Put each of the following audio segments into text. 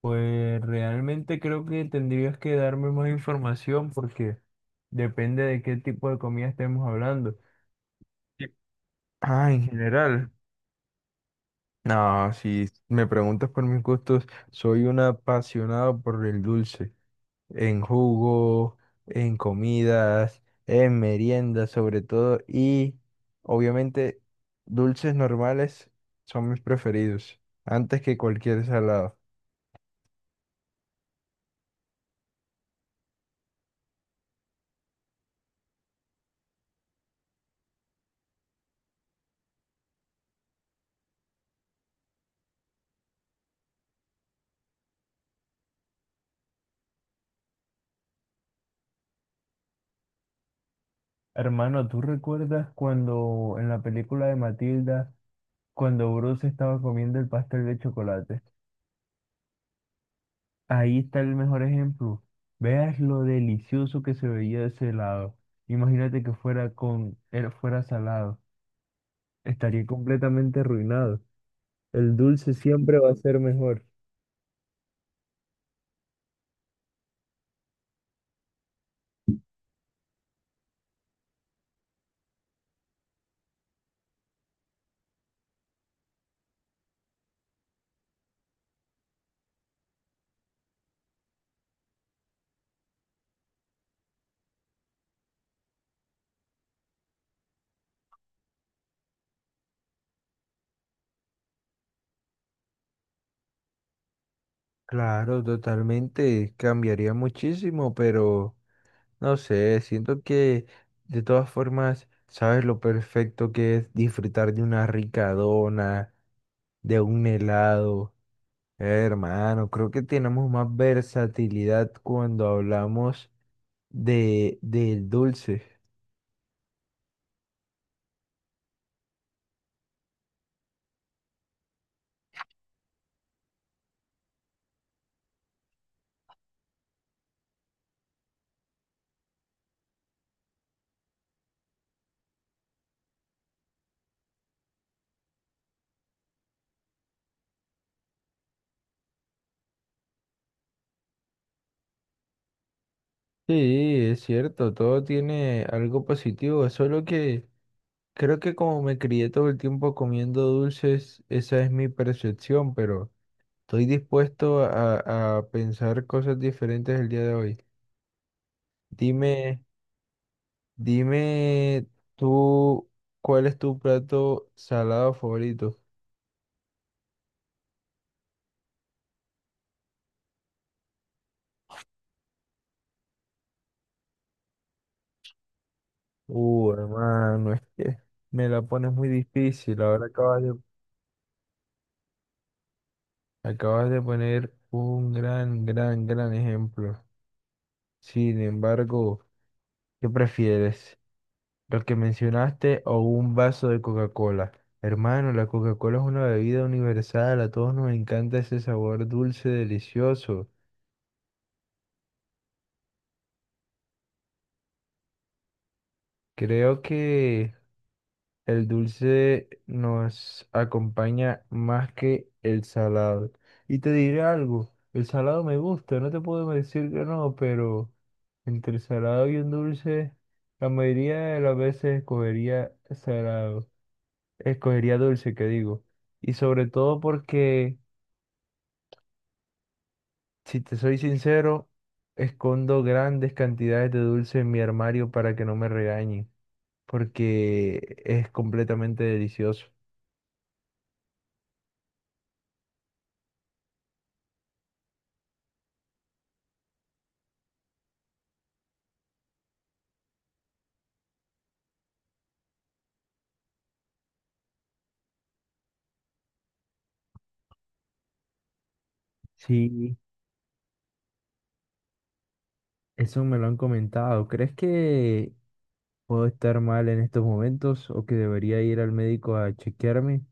Pues realmente creo que tendrías que darme más información porque depende de qué tipo de comida estemos hablando. Sí. Ah, en general. No, si me preguntas por mis gustos, soy un apasionado por el dulce, en jugo, en comidas, en meriendas sobre todo, y obviamente dulces normales son mis preferidos, antes que cualquier salado. Hermano, ¿tú recuerdas cuando en la película de Matilda, cuando Bruce estaba comiendo el pastel de chocolate? Ahí está el mejor ejemplo. Veas lo delicioso que se veía ese helado. Imagínate que fuera fuera salado. Estaría completamente arruinado. El dulce siempre va a ser mejor. Claro, totalmente, cambiaría muchísimo, pero no sé, siento que de todas formas sabes lo perfecto que es disfrutar de una rica dona, de un helado. Hermano, creo que tenemos más versatilidad cuando hablamos del dulce. Sí, es cierto, todo tiene algo positivo, solo que creo que como me crié todo el tiempo comiendo dulces, esa es mi percepción, pero estoy dispuesto a pensar cosas diferentes el día de hoy. Dime, dime tú, ¿cuál es tu plato salado favorito? Hermano, es que me la pones muy difícil. Ahora acabas de poner un gran, gran, gran ejemplo. Sin embargo, ¿qué prefieres? ¿Lo que mencionaste o un vaso de Coca-Cola? Hermano, la Coca-Cola es una bebida universal. A todos nos encanta ese sabor dulce, delicioso. Creo que el dulce nos acompaña más que el salado. Y te diré algo, el salado me gusta, no te puedo decir que no, pero entre el salado y un dulce, la mayoría de las veces escogería dulce, que digo. Y sobre todo porque, si te soy sincero, escondo grandes cantidades de dulce en mi armario para que no me regañen, porque es completamente delicioso. Sí, eso me lo han comentado. ¿Crees que puedo estar mal en estos momentos o que debería ir al médico a chequearme?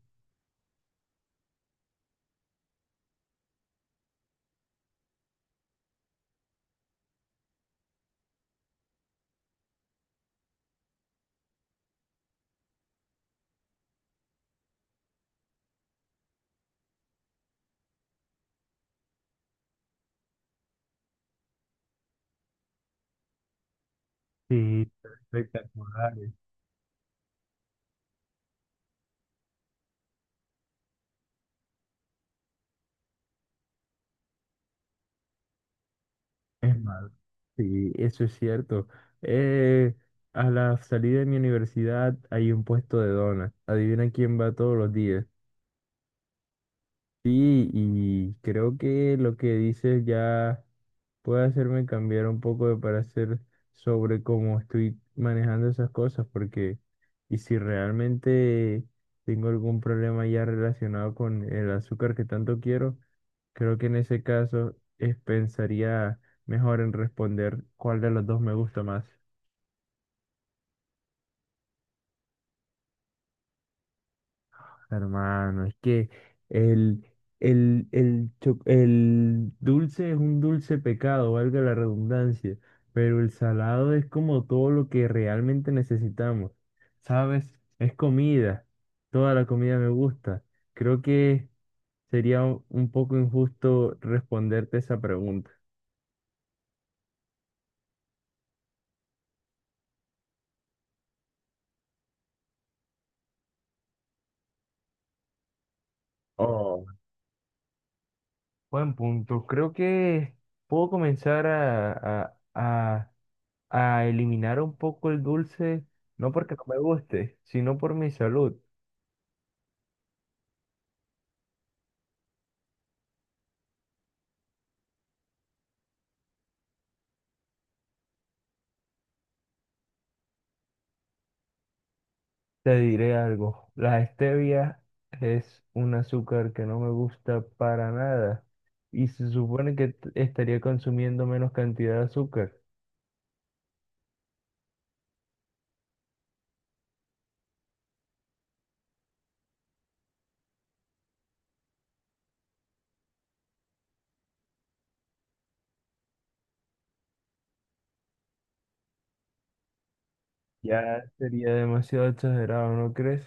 Sí, espectacular. Es malo. Sí, eso es cierto. Eh, a la salida de mi universidad hay un puesto de donas. Adivina quién va todos los días. Sí, y creo que lo que dices ya puede hacerme cambiar un poco de parecer sobre cómo estoy manejando esas cosas, porque si realmente tengo algún problema ya relacionado con el azúcar que tanto quiero, creo que en ese pensaría mejor en responder cuál de los dos me gusta más. Hermano, es que el, el dulce es un dulce pecado, valga la redundancia, pero el salado es como todo lo que realmente necesitamos, ¿sabes? Es comida, toda la comida me gusta. Creo que sería un poco injusto responderte esa pregunta. Oh, buen punto. Creo que puedo comenzar a eliminar un poco el dulce, no porque no me guste, sino por mi salud. Te diré algo, la stevia es un azúcar que no me gusta para nada y se supone que estaría consumiendo menos cantidad de azúcar. Ya sería demasiado exagerado, ¿no crees?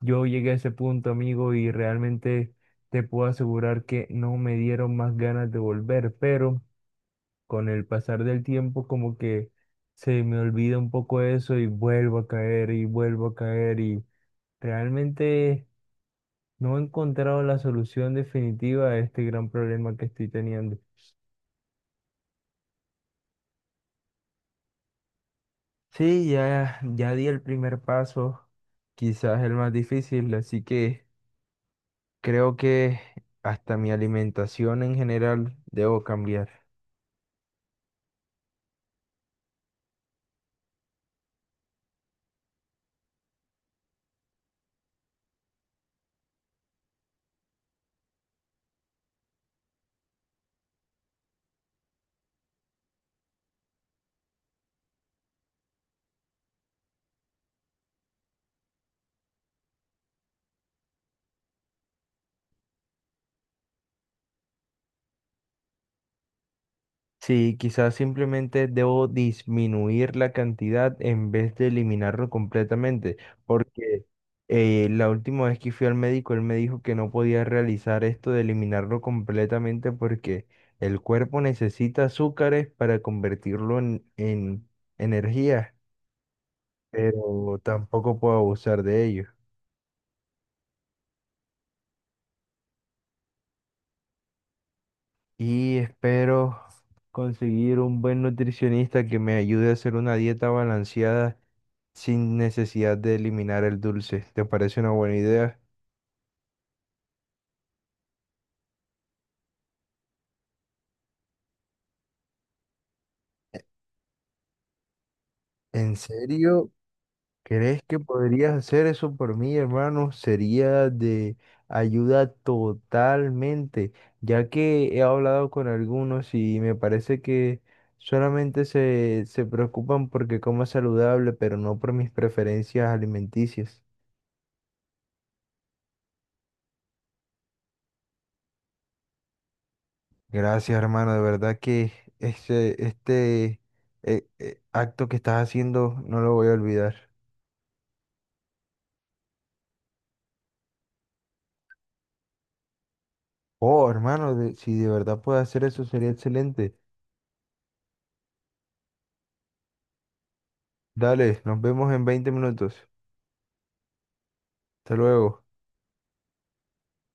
Yo llegué a ese punto, amigo, y realmente te puedo asegurar que no me dieron más ganas de volver, pero con el pasar del tiempo como que se me olvida un poco eso y vuelvo a caer y vuelvo a caer y realmente no he encontrado la solución definitiva a este gran problema que estoy teniendo. Sí, ya di el primer paso, quizás el más difícil, así que creo que hasta mi alimentación en general debo cambiar. Sí, quizás simplemente debo disminuir la cantidad en vez de eliminarlo completamente, porque la última vez que fui al médico, él me dijo que no podía realizar esto de eliminarlo completamente porque el cuerpo necesita azúcares para convertirlo en energía, pero tampoco puedo abusar de ello. Y espero conseguir un buen nutricionista que me ayude a hacer una dieta balanceada sin necesidad de eliminar el dulce. ¿Te parece una buena idea? ¿En serio? ¿Crees que podrías hacer eso por mí, hermano? Sería de ayuda totalmente, ya que he hablado con algunos y me parece que solamente se preocupan porque como saludable, pero no por mis preferencias alimenticias. Gracias, hermano. De verdad que este acto que estás haciendo no lo voy a olvidar. Oh, hermano, si de verdad puedo hacer eso sería excelente. Dale, nos vemos en 20 minutos. Hasta luego.